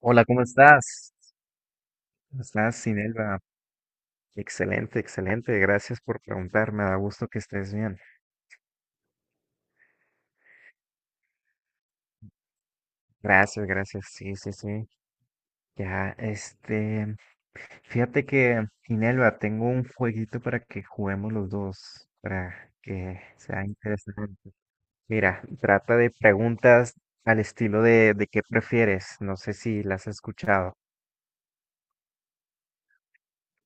Hola, ¿cómo estás? ¿Cómo estás, Sinelva? Excelente, excelente. Gracias por preguntar. Me da gusto que estés bien. Gracias, gracias. Sí, sí, sí. Ya, fíjate que, Sinelva, tengo un jueguito para que juguemos los dos, para que sea interesante. Mira, trata de preguntas al estilo de qué prefieres. No sé si las has escuchado.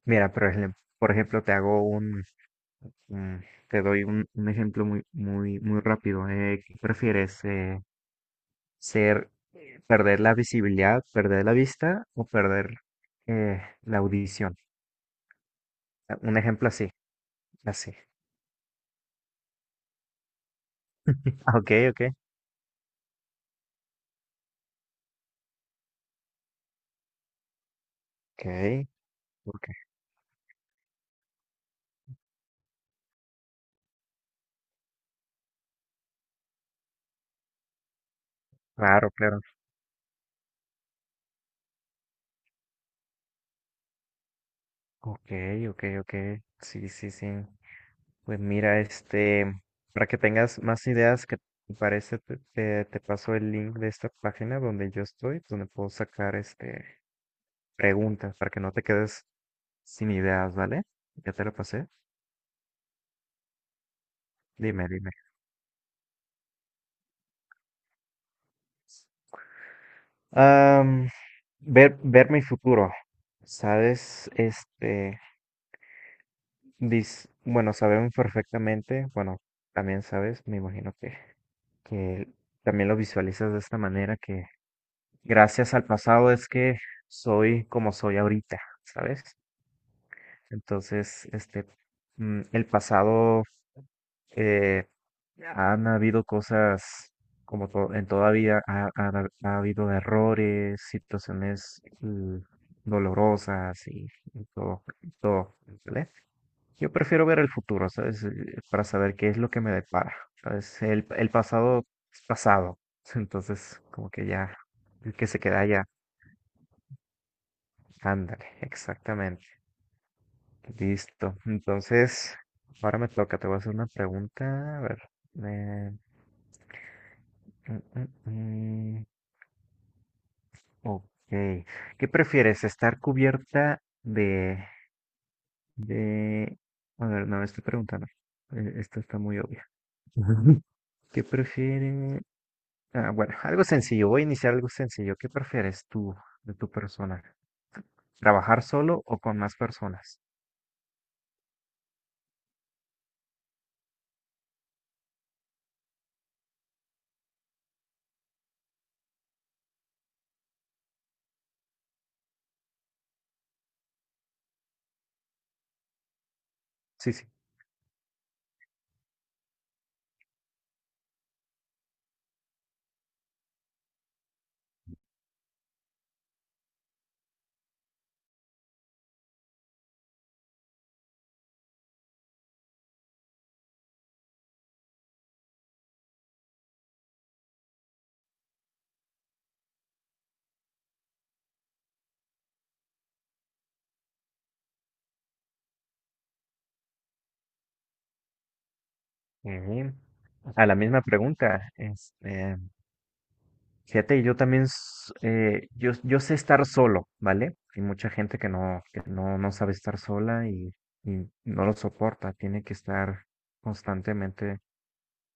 Mira, por ejemplo, Mm, Te doy un ejemplo muy, muy, muy rápido. ¿Qué prefieres? Ser, perder la visibilidad, perder la vista o perder la audición? Ah, un ejemplo así, así. Ah, ok, ok, ok, ok. Claro, claro. Ok, ok, ok. Sí, sí, sí. Pues mira, para que tengas más ideas, que te parece, te paso el link de esta página donde yo estoy, donde puedo sacar preguntas para que no te quedes sin ideas, ¿vale? Ya te lo pasé. Dime, dime. Am, ver mi futuro, ¿sabes? Bueno, sabemos perfectamente, bueno, también sabes, me imagino que también lo visualizas de esta manera, que gracias al pasado es que soy como soy ahorita, ¿sabes? Entonces, el pasado, Eh, han habido cosas como en toda vida, ha habido errores, situaciones dolorosas y, y todo, ¿vale? Yo prefiero ver el futuro, ¿sabes? Para saber qué es lo que me depara, ¿sabes? El pasado es pasado, entonces como que ya, el que se queda allá. Ándale, exactamente. Listo. Entonces, ahora me toca, te voy a hacer una pregunta, a ver. eh, Mm, mm, mm. Ok. ¿Qué prefieres? ¿Estar cubierta de? A ver, no, estoy preguntando. Esto está muy obvio. ¿Qué prefieres? Ah, bueno, algo sencillo. Voy a iniciar algo sencillo. ¿Qué prefieres tú de tu persona? ¿Trabajar solo o con más personas? Sí, sí. Eh, a la misma pregunta. Fíjate, yo también, yo sé estar solo, ¿vale? Hay mucha gente que no, no sabe estar sola y, no lo soporta, tiene que estar constantemente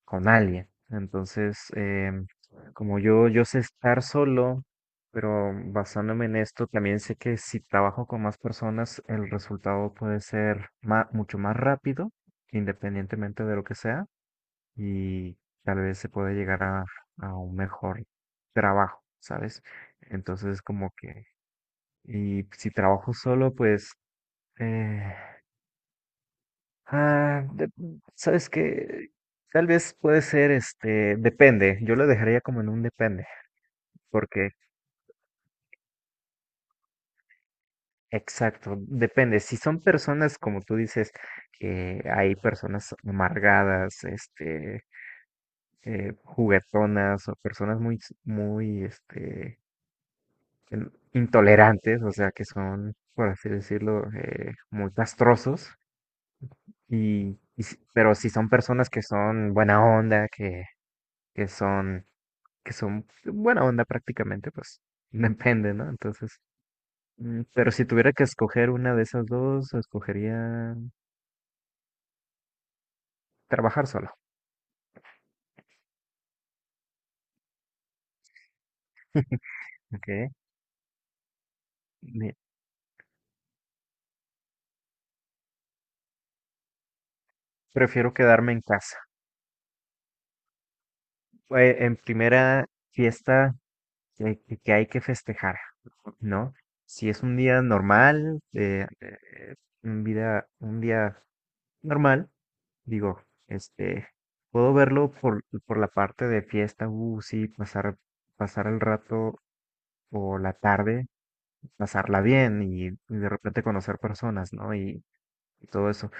con alguien. Entonces, em, como yo sé estar solo, pero basándome en esto, también sé que si trabajo con más personas, el resultado puede ser mucho más rápido, independientemente de lo que sea y tal vez se pueda llegar a un mejor trabajo, ¿sabes? Entonces, como que, y si trabajo solo, pues, eh, ah, de- ¿sabes que Tal vez puede ser, depende, yo lo dejaría como en un depende, porque, exacto, depende. Si son personas, como tú dices, que hay personas amargadas, juguetonas o personas muy, intolerantes, o sea, que son, por así decirlo, muy castrosos, pero si son personas que son buena onda, que son, que son buena onda prácticamente, pues depende, ¿no? Entonces, pero si tuviera que escoger una de esas dos, escogería trabajar solo, ¿ok? Me- Prefiero quedarme en casa. En primera fiesta que hay que festejar, ¿no? Si es un día normal, un día normal, digo, este, puedo verlo por la parte de fiesta, sí, pasar el rato o la tarde, pasarla bien y de repente conocer personas, ¿no? Y todo eso.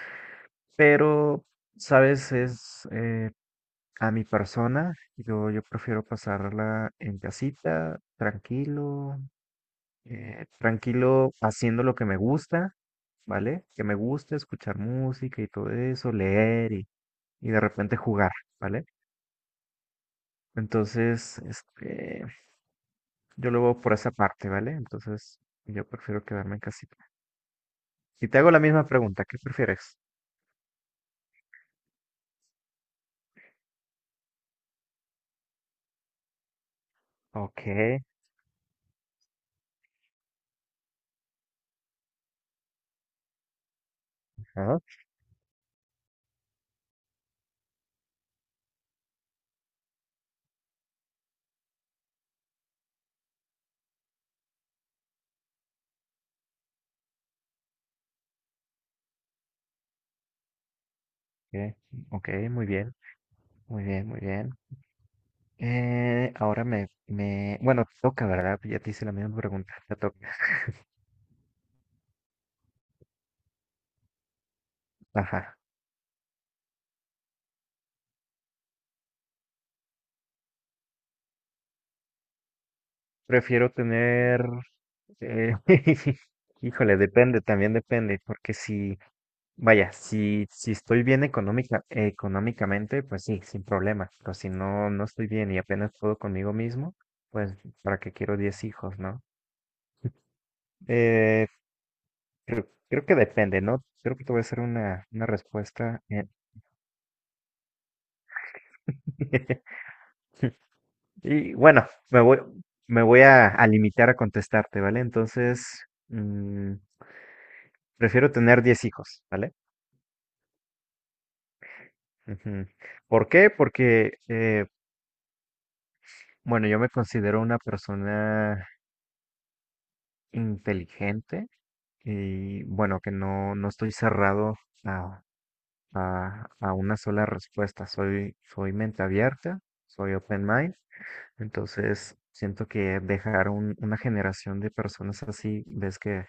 Pero, ¿sabes? Es A mi persona, yo prefiero pasarla en casita, tranquilo, tranquilo haciendo lo que me gusta, ¿vale? Que me gusta escuchar música y todo eso, leer y de repente jugar, ¿vale? Entonces, yo lo veo por esa parte, ¿vale? Entonces, yo prefiero quedarme en casita. Y te hago la misma pregunta, ¿qué prefieres? Ok, ajá, ok, ok, muy bien, muy bien, muy bien. Ahora bueno, te toca, ¿verdad? Ya te hice la misma pregunta, te toca. Ajá. Prefiero tener, eh, híjole, depende, también depende, porque si, vaya, si estoy bien económicamente, pues sí, sin problema, pero si no, no estoy bien y apenas puedo conmigo mismo, pues para qué quiero 10 hijos, ¿no? Eh, creo que depende, ¿no? Creo que te voy a hacer una respuesta. Y bueno, me voy, me voy a limitar a contestarte, ¿vale? Entonces, prefiero tener 10 hijos, ¿vale? Ujú. ¿Por qué? Porque, bueno, yo me considero una persona inteligente y, bueno, que no estoy cerrado a, a una sola respuesta. Soy mente abierta, soy open mind. Entonces, siento que dejar una generación de personas así, ves que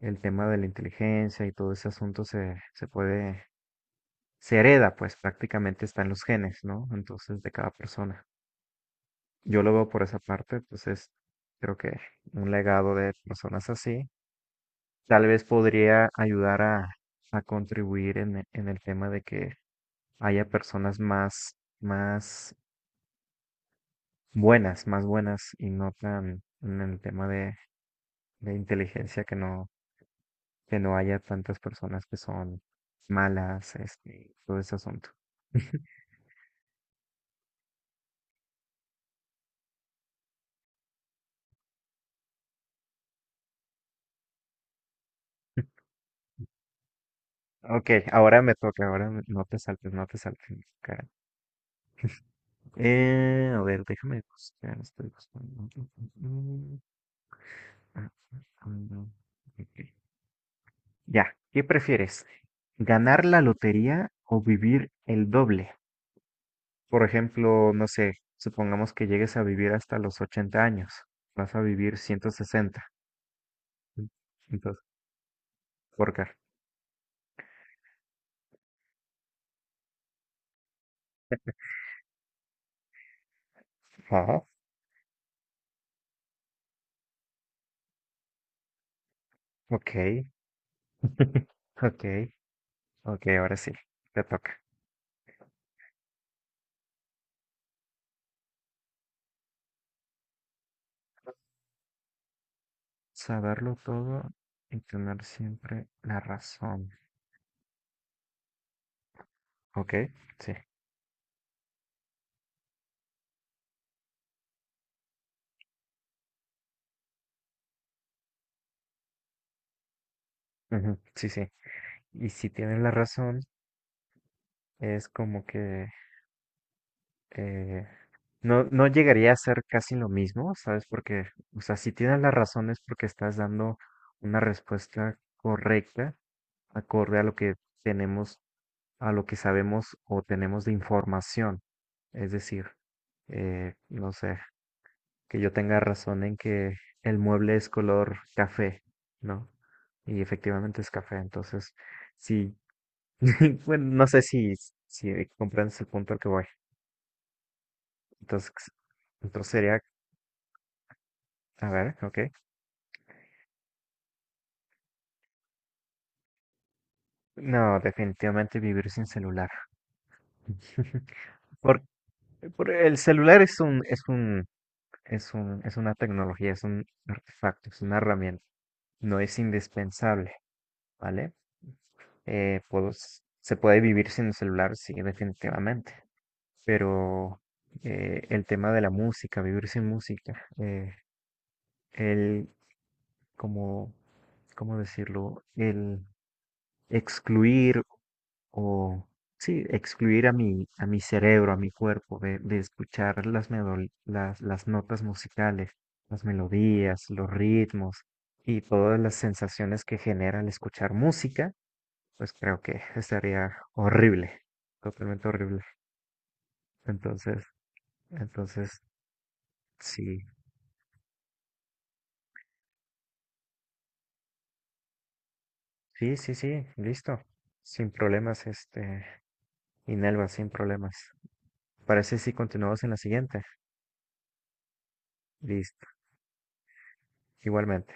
el tema de la inteligencia y todo ese asunto se puede, se hereda, pues prácticamente está en los genes, ¿no? Entonces, de cada persona. Yo lo veo por esa parte, entonces creo que un legado de personas así tal vez podría ayudar a contribuir en el tema de que haya personas más buenas y no tan en el tema de inteligencia que no haya tantas personas que son malas, todo ese asunto. Ok, ahora me toca, no te saltes, no te saltes. Karen. A ver, déjame buscar, estoy buscando. Mm, buscando, ok. Ya, ¿qué prefieres? ¿Ganar la lotería o vivir el doble? Por ejemplo, no sé, supongamos que llegues a vivir hasta los 80 años, vas a vivir 160. Entonces, ¿por qué? Ah, ok, ok, ok, ahora sí, te toca. Saberlo todo y tener siempre la razón. Ok, sí, ujú, sí, sí. Y si tienen la razón, es como que eh, no llegaría a ser casi lo mismo, ¿sabes? Porque, o sea, si tienes la razón es porque estás dando una respuesta correcta, acorde a lo que tenemos, a lo que sabemos o tenemos de información. Es decir, no sé, que yo tenga razón en que el mueble es color café, ¿no? Y efectivamente es café. Entonces, si bueno, no sé si comprendes el punto al que voy. Entonces, sería, a ver, ok. No, definitivamente vivir sin celular. Por, por el celular es un, es una tecnología, es un artefacto, es una herramienta. No es indispensable, ¿vale? Se puede vivir sin el celular, sí, definitivamente. Pero el tema de la música, vivir sin música, el como, ¿cómo decirlo? El excluir o, sí, excluir a mi cerebro, a mi cuerpo de escuchar las notas musicales, las melodías, los ritmos y todas las sensaciones que genera al escuchar música, pues creo que estaría horrible, totalmente horrible. Entonces, entonces, sí, sí, sí, sí, listo. Sin problemas, Inelva, sin problemas. Parece si continuamos en la siguiente. Listo. Igualmente.